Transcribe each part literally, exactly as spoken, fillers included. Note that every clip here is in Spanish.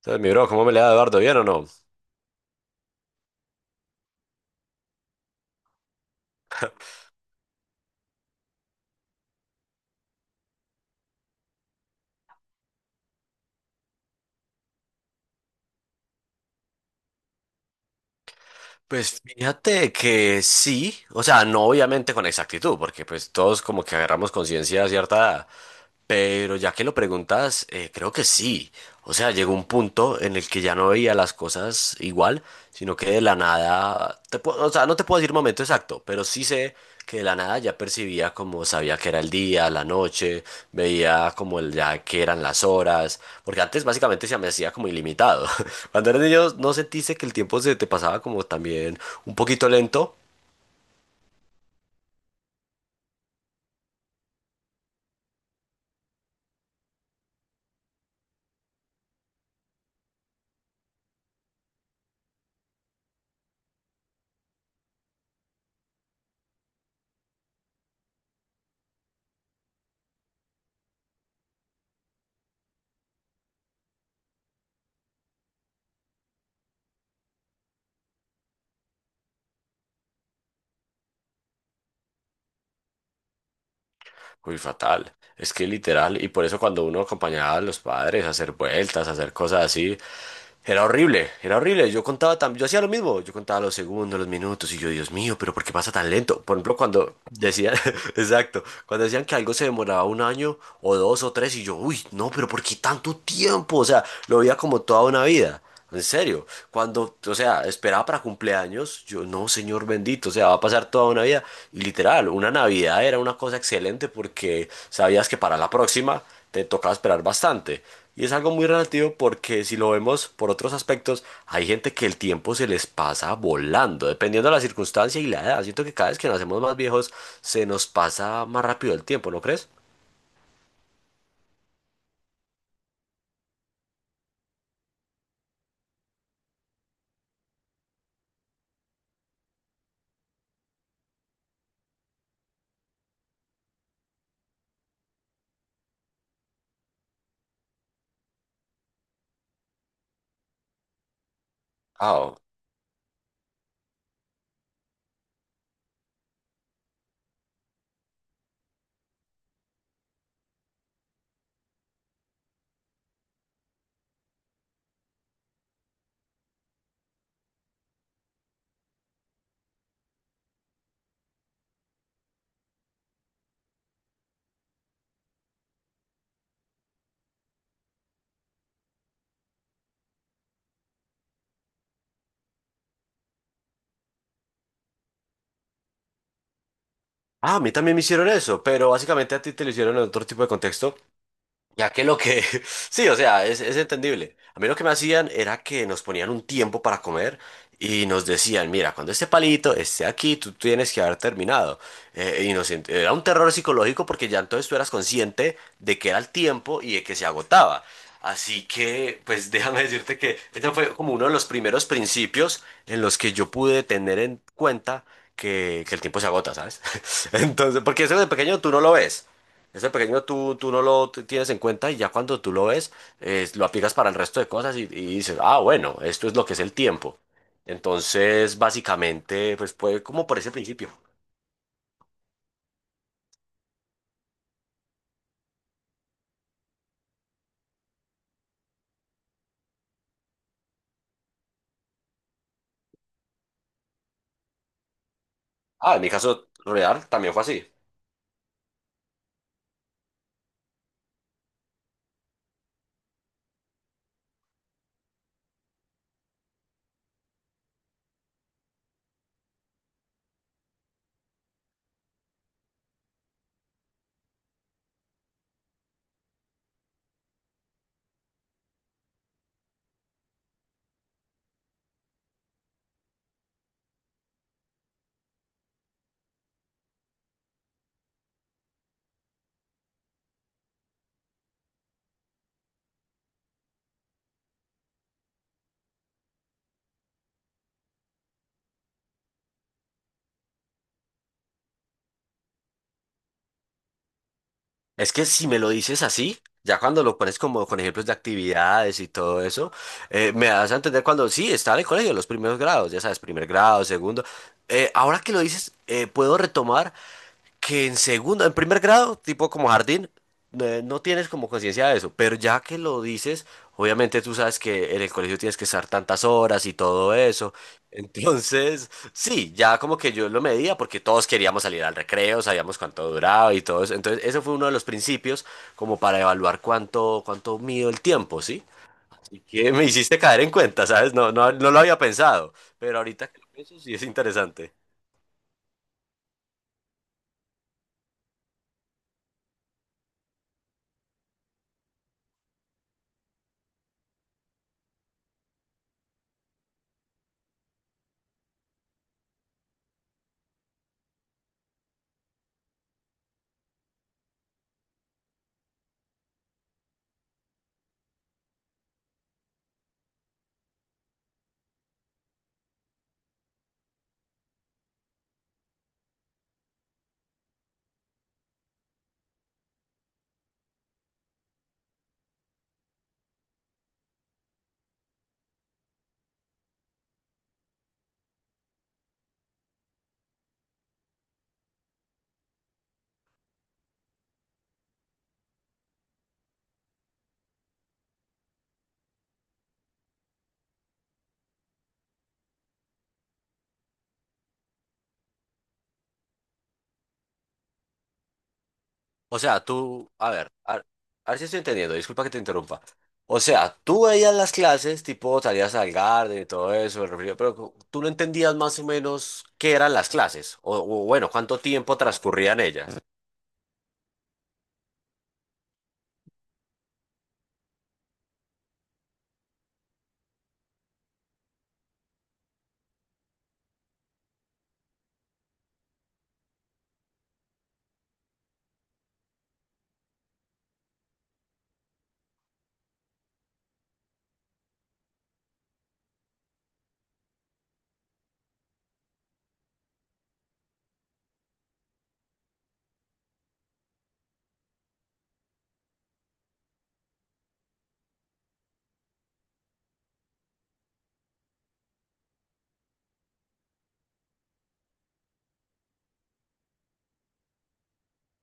Entonces, mi bro, ¿cómo me le da Eduardo? ¿Bien o no? Pues fíjate que sí, o sea, no obviamente con exactitud, porque pues todos como que agarramos conciencia a cierta edad. Pero ya que lo preguntas, eh, creo que sí. O sea, llegó un punto en el que ya no veía las cosas igual, sino que de la nada, te puedo- o sea, no te puedo decir momento exacto, pero sí sé que de la nada ya percibía, como sabía que era el día, la noche, veía como el, ya que eran las horas, porque antes básicamente se me hacía como ilimitado. Cuando eras niño, ¿no sentiste que el tiempo se te pasaba como también un poquito lento? Uy, fatal. Es que literal, y por eso cuando uno acompañaba a los padres a hacer vueltas, a hacer cosas así, era horrible, era horrible. Yo contaba también, yo hacía lo mismo, yo contaba los segundos, los minutos, y yo, Dios mío, pero ¿por qué pasa tan lento? Por ejemplo, cuando decían, exacto, cuando decían que algo se demoraba un año o dos o tres, y yo, uy, no, pero ¿por qué tanto tiempo? O sea, lo veía como toda una vida. En serio, cuando, o sea, esperaba para cumpleaños, yo, no, señor bendito, o sea, va a pasar toda una vida. Y literal, una Navidad era una cosa excelente porque sabías que para la próxima te tocaba esperar bastante. Y es algo muy relativo porque si lo vemos por otros aspectos, hay gente que el tiempo se les pasa volando, dependiendo de la circunstancia y la edad. Siento que cada vez que nos hacemos más viejos, se nos pasa más rápido el tiempo, ¿no crees? Ah, oh. ah, a mí también me hicieron eso, pero básicamente a ti te lo hicieron en otro tipo de contexto. Ya que lo que... Sí, o sea, es, es entendible. A mí lo que me hacían era que nos ponían un tiempo para comer y nos decían, mira, cuando este palito esté aquí, tú tienes que haber terminado. Eh, y nos, ent- era un terror psicológico porque ya entonces tú eras consciente de que era el tiempo y de que se agotaba. Así que, pues, déjame decirte que este fue como uno de los primeros principios en los que yo pude tener en cuenta que, que el tiempo se agota, ¿sabes? Entonces, porque eso de pequeño tú no lo ves. Ese pequeño tú, tú no lo t- tienes en cuenta, y ya cuando tú lo ves, eh, lo aplicas para el resto de cosas, y, y dices, ah, bueno, esto es lo que es el tiempo. Entonces, básicamente, pues fue como por ese principio. Ah, en mi caso real también fue así. Es que si me lo dices así, ya cuando lo pones como con ejemplos de actividades y todo eso, eh, me das a entender cuando sí, estaba en el colegio, los primeros grados, ya sabes, primer grado, segundo. Eh, ahora que lo dices, eh, puedo retomar, que en segundo, en primer grado, tipo como jardín, eh, no tienes como conciencia de eso, pero ya que lo dices, obviamente tú sabes que en el colegio tienes que estar tantas horas y todo eso. Entonces, sí, ya como que yo lo medía porque todos queríamos salir al recreo, sabíamos cuánto duraba y todo eso. Entonces, eso fue uno de los principios como para evaluar cuánto, cuánto mido el tiempo, ¿sí? Así que me hiciste caer en cuenta, ¿sabes? No, no, no lo había pensado, pero ahorita que lo pienso sí es interesante. O sea, tú, a ver, a, ver a ver si estoy entendiendo, disculpa que te interrumpa. O sea, tú veías las clases, tipo salías al garden y todo eso, el refrigerio, pero cu- tú no entendías más o menos qué eran las clases, o, o bueno, cuánto tiempo transcurrían ellas.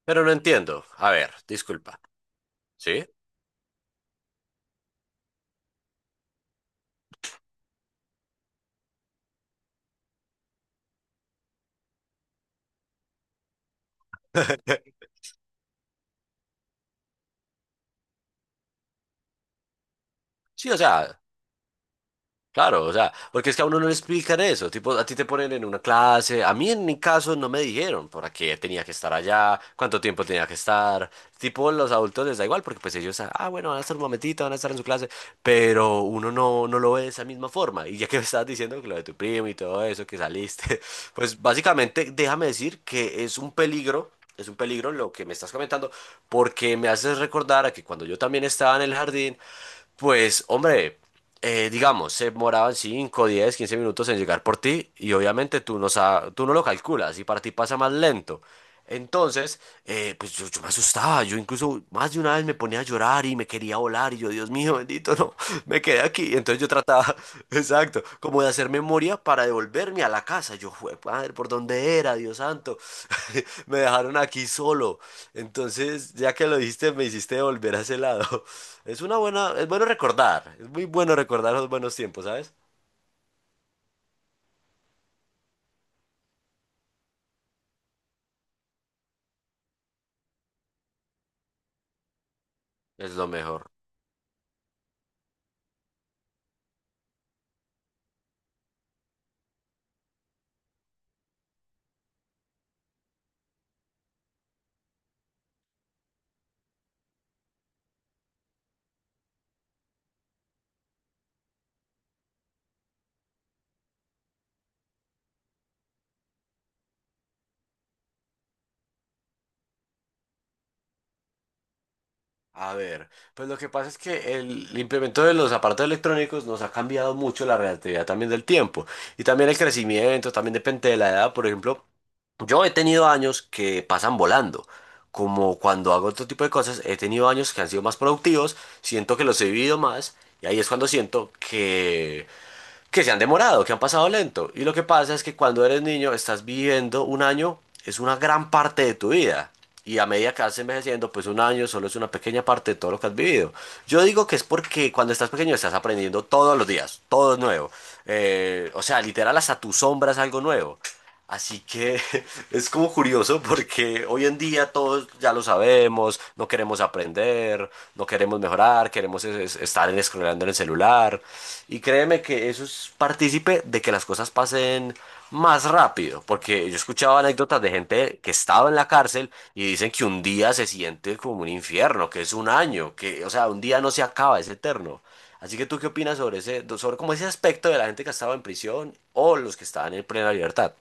Pero no entiendo. A ver, disculpa. ¿Sí? Sí, o sea. Claro, o sea, porque es que a uno no le explican eso, tipo, a ti te ponen en una clase, a mí en mi caso no me dijeron por qué tenía que estar allá, cuánto tiempo tenía que estar, tipo, los adultos les da igual porque pues ellos, ah, bueno, van a estar un momentito, van a estar en su clase, pero uno no, no lo ve de esa misma forma, y ya que me estabas diciendo que lo de tu primo y todo eso, que saliste, pues básicamente déjame decir que es un peligro. Es un peligro lo que me estás comentando porque me haces recordar a que cuando yo también estaba en el jardín, pues, hombre, eh, digamos, se demoraban cinco diez quince minutos en llegar por ti, y obviamente tú no, sa- tú no lo calculas, y para ti pasa más lento. Entonces, eh, pues yo, yo me asustaba. Yo incluso más de una vez me ponía a llorar y me quería volar y yo, Dios mío, bendito, no, me quedé aquí. Entonces yo trataba, exacto, como de hacer memoria para devolverme a la casa. Yo, "Jue- madre, ¿por dónde era, Dios santo? Me dejaron aquí solo". Entonces, ya que lo dijiste, me hiciste volver a ese lado. Es una buena, es bueno recordar, es muy bueno recordar los buenos tiempos, ¿sabes? Es lo mejor. A ver, pues lo que pasa es que el implemento de los aparatos electrónicos nos ha cambiado mucho la relatividad también del tiempo, y también el crecimiento, también depende de la edad. Por ejemplo, yo he tenido años que pasan volando, como cuando hago otro tipo de cosas, he tenido años que han sido más productivos, siento que los he vivido más, y ahí es cuando siento que que se han demorado, que han pasado lento. Y lo que pasa es que cuando eres niño estás viviendo un año, es una gran parte de tu vida. Y a medida que vas envejeciendo, pues un año solo es una pequeña parte de todo lo que has vivido. Yo digo que es porque cuando estás pequeño estás aprendiendo todos los días, todo es nuevo. Eh, o sea, literal hasta tu sombra es algo nuevo. Así que es como curioso porque hoy en día todos ya lo sabemos, no queremos aprender, no queremos mejorar, queremos es- es- estar en- scrolleando en el celular. Y créeme que eso es partícipe de que las cosas pasen más rápido, porque yo escuchaba anécdotas de gente que estaba en la cárcel y dicen que un día se siente como un infierno, que es un año, que, o sea, un día no se acaba, es eterno. Así que tú qué opinas sobre ese, sobre como ese aspecto de la gente que estaba en prisión o los que estaban en plena libertad.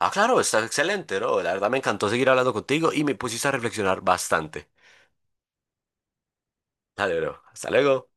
Ah, claro, está excelente, ¿no? La verdad me encantó seguir hablando contigo y me pusiste a reflexionar bastante. Dale, bro. Hasta luego.